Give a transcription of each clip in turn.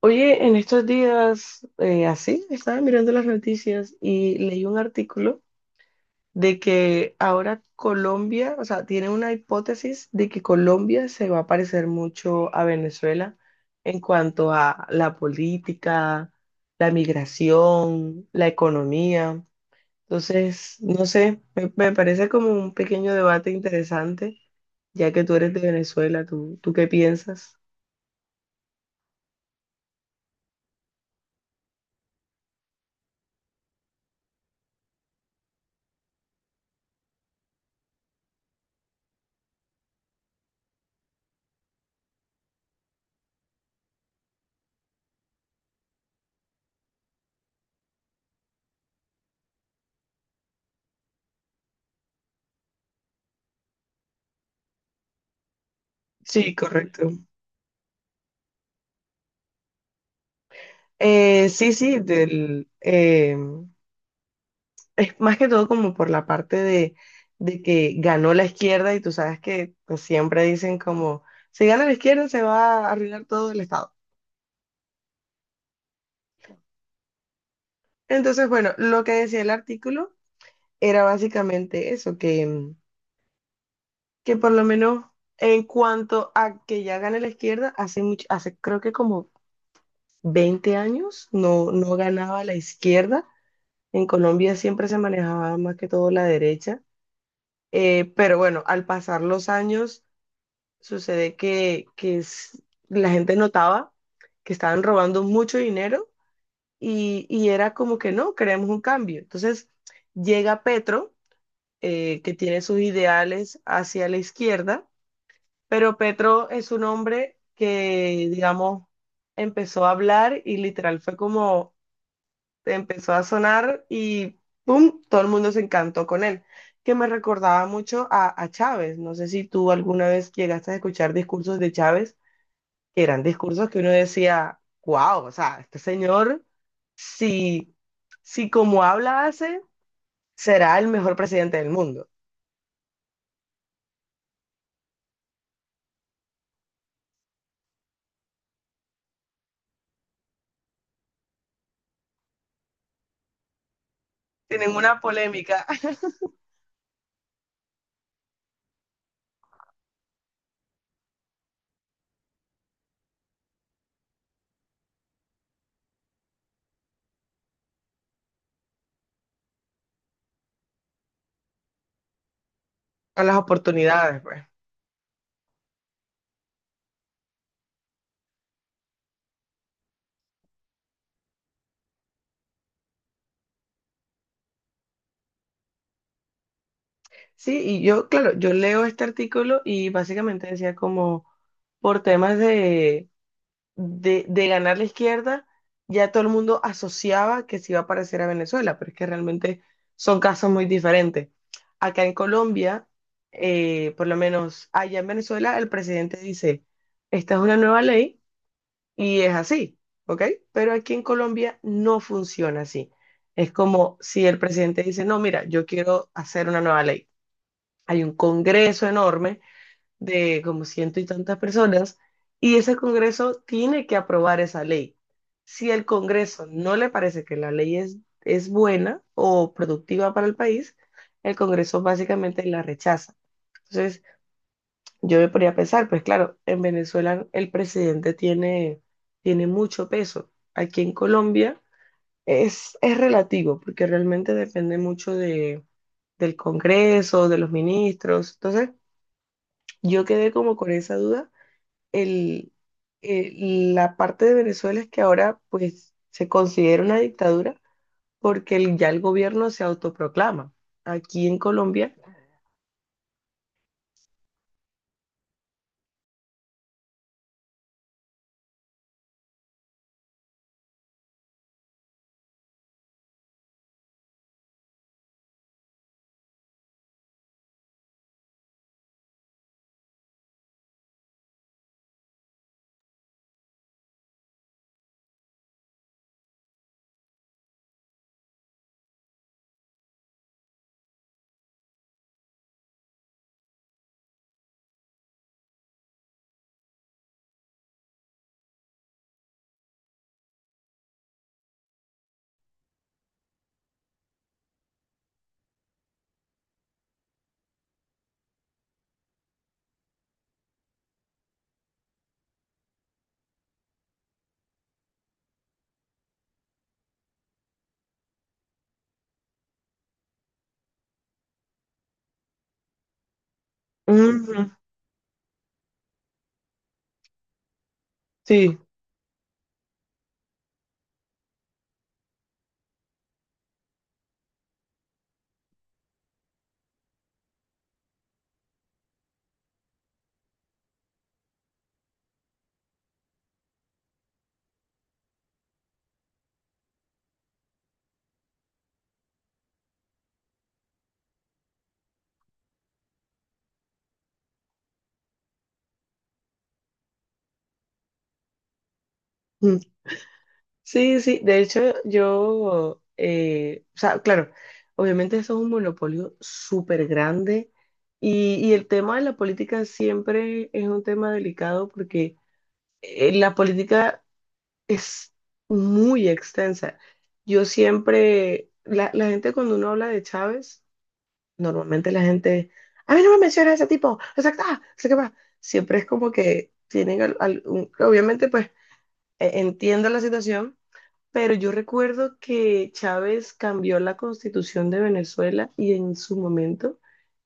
Oye, en estos días, así, estaba mirando las noticias y leí un artículo de que ahora Colombia, o sea, tiene una hipótesis de que Colombia se va a parecer mucho a Venezuela en cuanto a la política, la migración, la economía. Entonces, no sé, me parece como un pequeño debate interesante, ya que tú eres de Venezuela, ¿tú qué piensas? Sí, correcto. Sí, del, es más que todo como por la parte de que ganó la izquierda y tú sabes que pues, siempre dicen como, si gana la izquierda se va a arruinar todo el Estado. Entonces, bueno, lo que decía el artículo era básicamente eso, que por lo menos en cuanto a que ya gana la izquierda, hace mucho, hace creo que como 20 años no ganaba la izquierda. En Colombia siempre se manejaba más que todo la derecha. Pero bueno, al pasar los años, sucede la gente notaba que estaban robando mucho dinero y era como que no, queremos un cambio. Entonces llega Petro, que tiene sus ideales hacia la izquierda, pero Petro es un hombre que, digamos, empezó a hablar y literal fue como empezó a sonar y ¡pum! Todo el mundo se encantó con él, que me recordaba mucho a Chávez. No sé si tú alguna vez llegaste a escuchar discursos de Chávez, que eran discursos que uno decía, wow, o sea, este señor, si, si como habla hace, será el mejor presidente del mundo. Tienen una polémica con las oportunidades, pues. Sí, y yo, claro, yo leo este artículo y básicamente decía como por temas de de ganar la izquierda, ya todo el mundo asociaba que se iba a parecer a Venezuela, pero es que realmente son casos muy diferentes. Acá en Colombia, por lo menos allá en Venezuela, el presidente dice, esta es una nueva ley y es así, ¿ok? Pero aquí en Colombia no funciona así. Es como si el presidente dice, no, mira, yo quiero hacer una nueva ley. Hay un congreso enorme de como ciento y tantas personas, y ese Congreso tiene que aprobar esa ley. Si el Congreso no le parece que la ley es buena o productiva para el país, el Congreso básicamente la rechaza. Entonces, yo me ponía a pensar, pues claro, en Venezuela el presidente tiene, tiene mucho peso. Aquí en Colombia es relativo, porque realmente depende mucho de, del Congreso, de los ministros. Entonces, yo quedé como con esa duda el, eh, la parte de Venezuela es que ahora pues se considera una dictadura porque ya el gobierno se autoproclama. Aquí en Colombia. Ujú, sí, ujú. Sí. De hecho, yo, o sea, claro, obviamente eso es un monopolio súper grande y el tema de la política siempre es un tema delicado porque la política es muy extensa. Yo siempre, la gente cuando uno habla de Chávez, normalmente la gente, a mí no me menciona ese tipo, exacta, sé qué va. Siempre es como que tienen, obviamente pues entiendo la situación, pero yo recuerdo que Chávez cambió la constitución de Venezuela y en su momento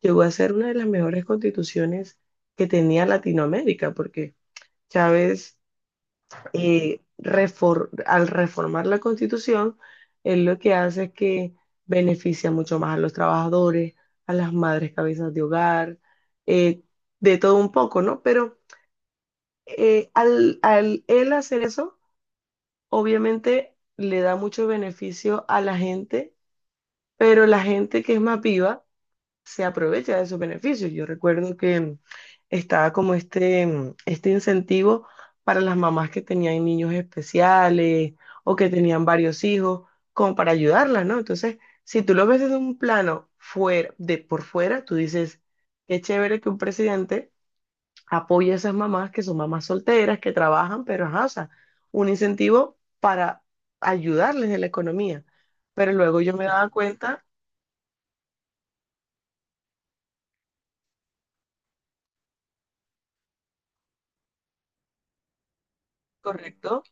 llegó a ser una de las mejores constituciones que tenía Latinoamérica, porque Chávez al reformar la Constitución, él lo que hace es que beneficia mucho más a los trabajadores, a las madres cabezas de hogar, eh, de todo un poco, ¿no? Pero al él hacer eso, obviamente le da mucho beneficio a la gente, pero la gente que es más viva se aprovecha de esos beneficios. Yo recuerdo que estaba como este incentivo para las mamás que tenían niños especiales o que tenían varios hijos, como para ayudarlas, ¿no? Entonces, si tú lo ves desde un plano fuera, de por fuera, tú dices, qué chévere que un presidente apoye a esas mamás que son mamás solteras, que trabajan, pero ajá, o sea, un incentivo para ayudarles en la economía. Pero luego yo me daba cuenta, correcto.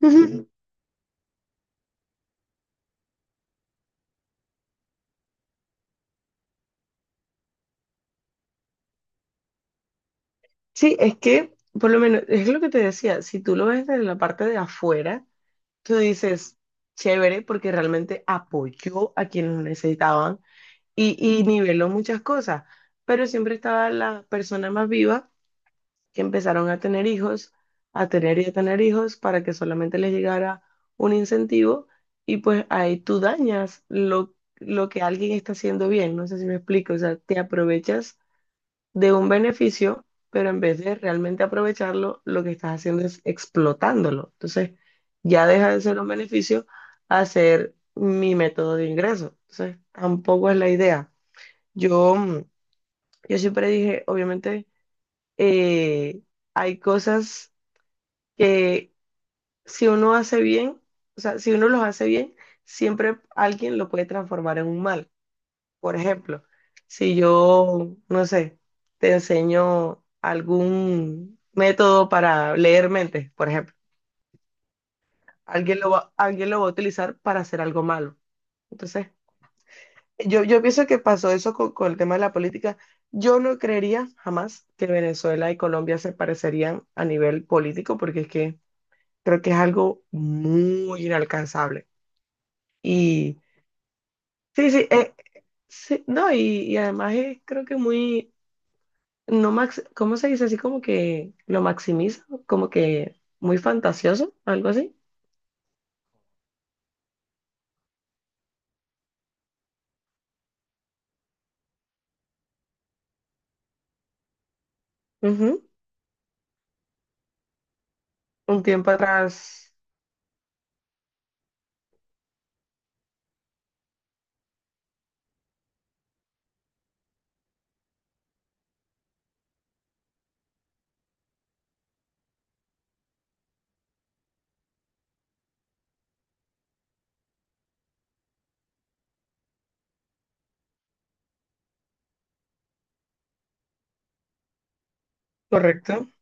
Sí, es que, por lo menos, es lo que te decía, si tú lo ves desde la parte de afuera, tú dices, chévere, porque realmente apoyó a quienes lo necesitaban y niveló muchas cosas, pero siempre estaba la persona más viva que empezaron a tener hijos, a tener y a tener hijos para que solamente les llegara un incentivo y pues ahí tú dañas lo que alguien está haciendo bien, no sé si me explico, o sea, te aprovechas de un beneficio, pero en vez de realmente aprovecharlo, lo que estás haciendo es explotándolo. Entonces, ya deja de ser un beneficio a ser mi método de ingreso. Entonces, tampoco es la idea. Yo, mm, yo siempre dije, obviamente, eh, hay cosas que si uno hace bien, o sea, si uno los hace bien, siempre alguien lo puede transformar en un mal. Por ejemplo, si yo, no sé, te enseño algún método para leer mentes, por ejemplo, alguien lo va a utilizar para hacer algo malo. Entonces, yo pienso que pasó eso con el tema de la política. Yo no creería jamás que Venezuela y Colombia se parecerían a nivel político, porque es que creo que es algo muy inalcanzable. Y sí, sí, sí, no, y además es creo que muy no max, ¿cómo se dice? Así como que lo maximiza, como que muy fantasioso, algo así. Ujú. Un tiempo atrás. Correcto.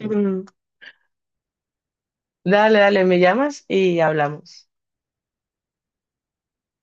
Mm. Dale, dale, me llamas y hablamos.